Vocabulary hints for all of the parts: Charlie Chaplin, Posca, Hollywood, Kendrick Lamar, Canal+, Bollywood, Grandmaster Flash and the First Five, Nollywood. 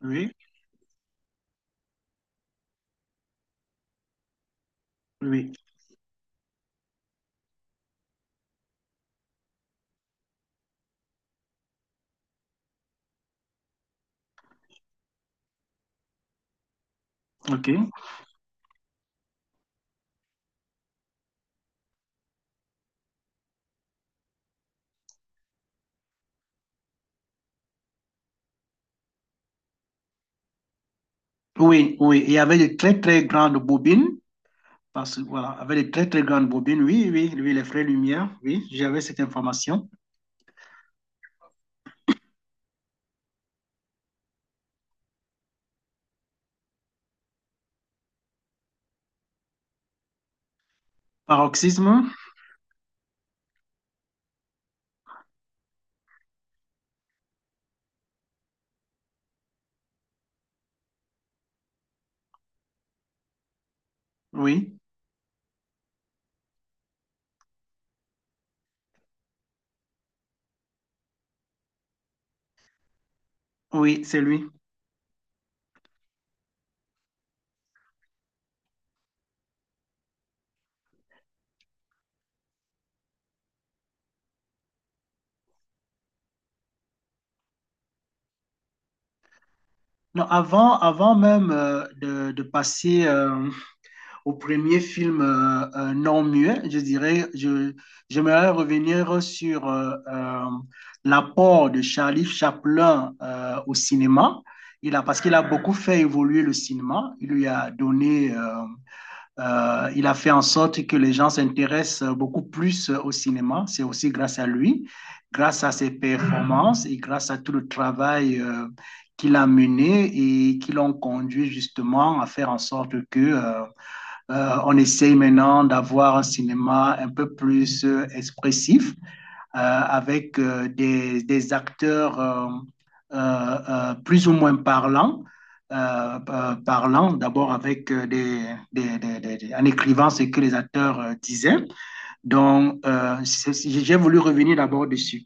Oui, oui, ok. Oui, oui, il y avait de très, très grandes bobines, parce que voilà, avec de très, très grandes bobines, oui, oui, oui, les frais Lumière, oui, j'avais cette information. Paroxysme, oui, oui, c'est lui. Non, avant, avant même de passer au premier film non muet, je dirais, je, j'aimerais revenir sur l'apport de Charlie Chaplin au cinéma. Il a, parce qu'il a beaucoup fait évoluer le cinéma. Il lui a donné, il a fait en sorte que les gens s'intéressent beaucoup plus au cinéma. C'est aussi grâce à lui, grâce à ses performances et grâce à tout le travail qu'il a mené et qui l'ont conduit justement à faire en sorte que on essaye maintenant d'avoir un cinéma un peu plus expressif, avec des, acteurs plus ou moins parlants. Parlants, d'abord avec des, des, en écrivant ce que les acteurs disaient. Donc, j'ai voulu revenir d'abord dessus.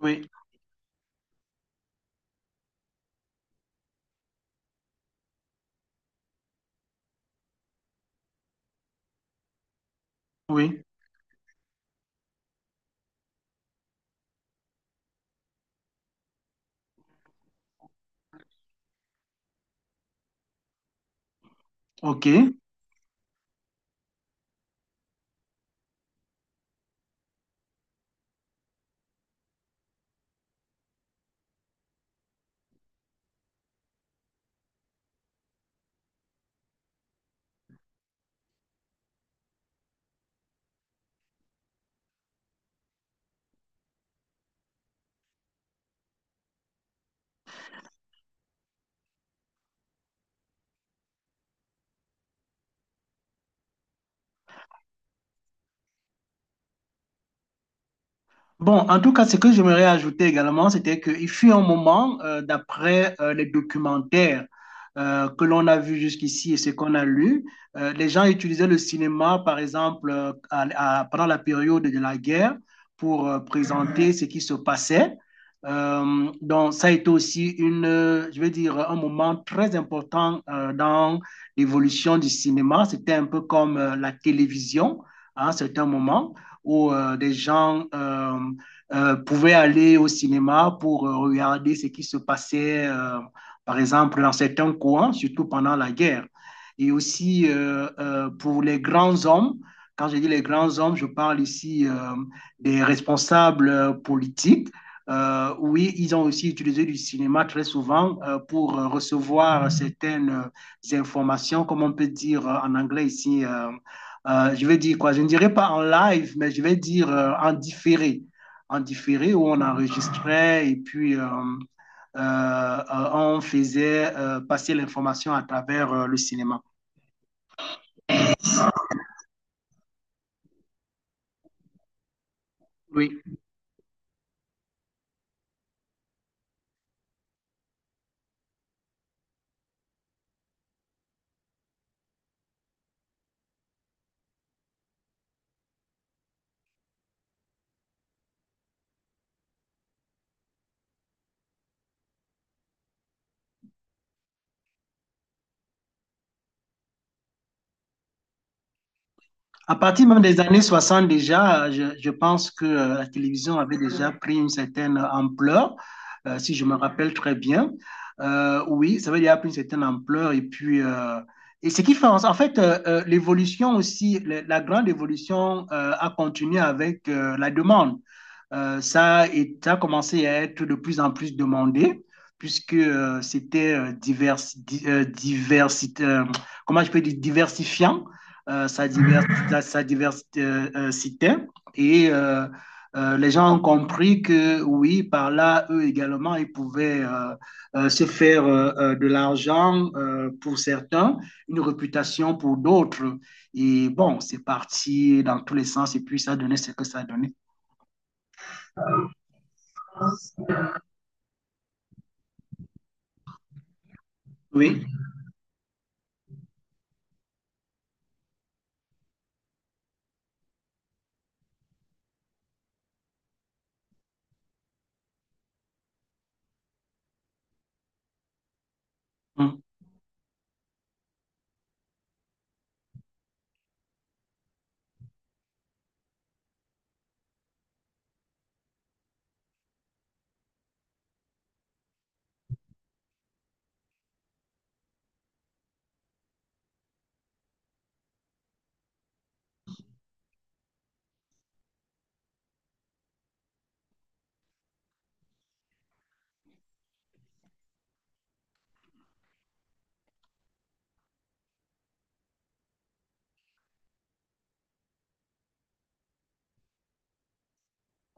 Oui, oui, ok. Bon, en tout cas, ce que j'aimerais ajouter également, c'était qu'il fut un moment, d'après les documentaires que l'on a vus jusqu'ici et ce qu'on a lu, les gens utilisaient le cinéma, par exemple, pendant la période de la guerre pour présenter ce qui se passait. Donc, ça a été aussi une, je vais dire, un moment très important dans l'évolution du cinéma. C'était un peu comme la télévision à un certain moment où des gens pouvaient aller au cinéma pour regarder ce qui se passait, par exemple, dans certains coins, surtout pendant la guerre. Et aussi pour les grands hommes, quand je dis les grands hommes, je parle ici des responsables politiques. Oui, ils ont aussi utilisé du cinéma très souvent pour recevoir certaines informations, comme on peut dire en anglais ici, je vais dire quoi, je ne dirais pas en live, mais je vais dire en différé. En différé, où on enregistrait et puis on faisait passer l'information à travers le cinéma. Oui. À partir même des années 60 déjà, je pense que la télévision avait déjà pris une certaine ampleur, si je me rappelle très bien. Oui, ça avait déjà pris une certaine ampleur. Et puis, et ce qui fait, en fait, l'évolution aussi, la grande évolution a continué avec la demande. Ça, ça a commencé à être de plus en plus demandé, puisque c'était divers, diversité, comment je peux dire, diversifiant, ça, divers, ça diversité, citait. Et les gens ont compris que oui, par là, eux également, ils pouvaient se faire de l'argent pour certains, une réputation pour d'autres. Et bon, c'est parti dans tous les sens, et puis ça a donné ce que ça a donné. Oui. Mhm.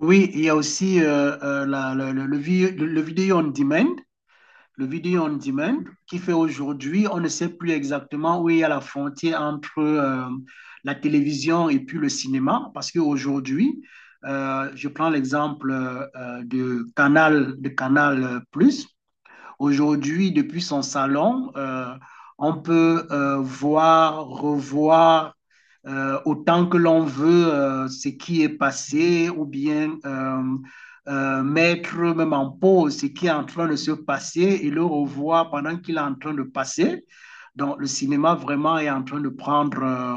Oui, il y a aussi le, le vidéo on demand, le vidéo on demand, qui fait aujourd'hui, on ne sait plus exactement où il y a la frontière entre la télévision et puis le cinéma, parce qu'aujourd'hui, je prends l'exemple de Canal, de Canal+, Plus. Aujourd'hui, depuis son salon, on peut voir, revoir autant que l'on veut ce qui est passé ou bien mettre même en pause ce qui est en train de se passer et le revoir pendant qu'il est en train de passer. Donc, le cinéma vraiment est en train de prendre euh,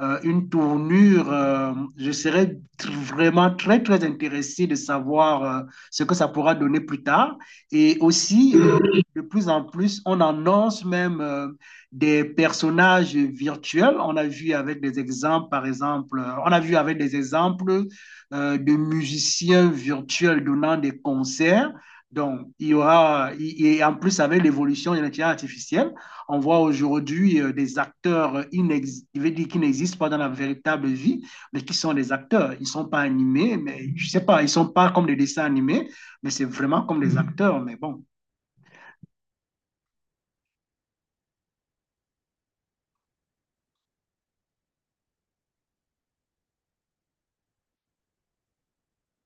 euh, une tournure. Euh, je serais vraiment très, très intéressé de savoir ce que ça pourra donner plus tard. Et aussi, de plus en plus, on annonce même des personnages virtuels. On a vu avec des exemples, par exemple, on a vu avec des exemples de musiciens virtuels donnant des concerts. Donc, il y aura, et en plus avec l'évolution de l'intelligence artificielle, on voit aujourd'hui des acteurs je vais dire qui n'existent pas dans la véritable vie, mais qui sont des acteurs. Ils ne sont pas animés, mais je ne sais pas, ils ne sont pas comme des dessins animés, mais c'est vraiment comme les acteurs, mais bon.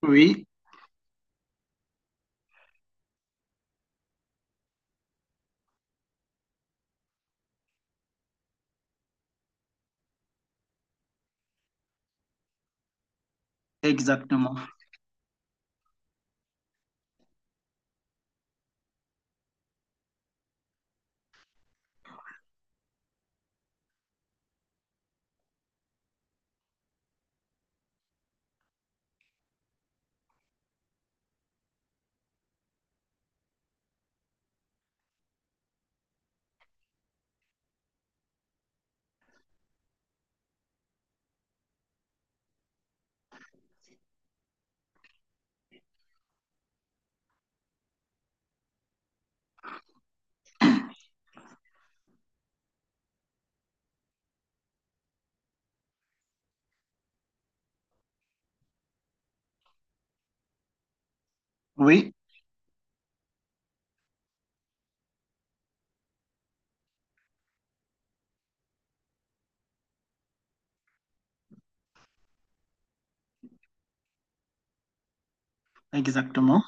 Oui, exactement. Oui, exactement.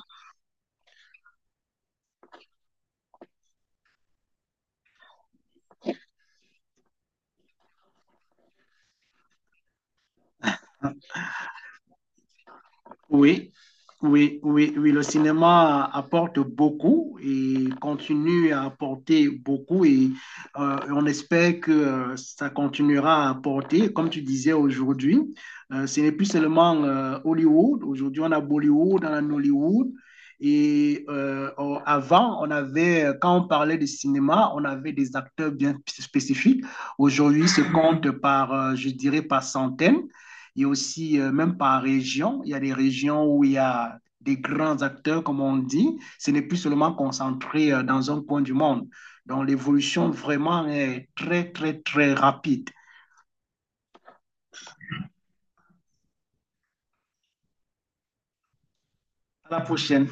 Oui, oui, oui, oui, le cinéma apporte beaucoup et continue à apporter beaucoup et on espère que ça continuera à apporter. Comme tu disais aujourd'hui, ce n'est plus seulement Hollywood. Aujourd'hui, on a Bollywood, on a Nollywood. Et avant, on avait, quand on parlait de cinéma, on avait des acteurs bien spécifiques. Aujourd'hui, se compte par, je dirais, par centaines. Il y a aussi, même par région, il y a des régions où il y a des grands acteurs, comme on dit. Ce n'est plus seulement concentré dans un coin du monde. Donc, l'évolution vraiment est très, très, très rapide. À la prochaine.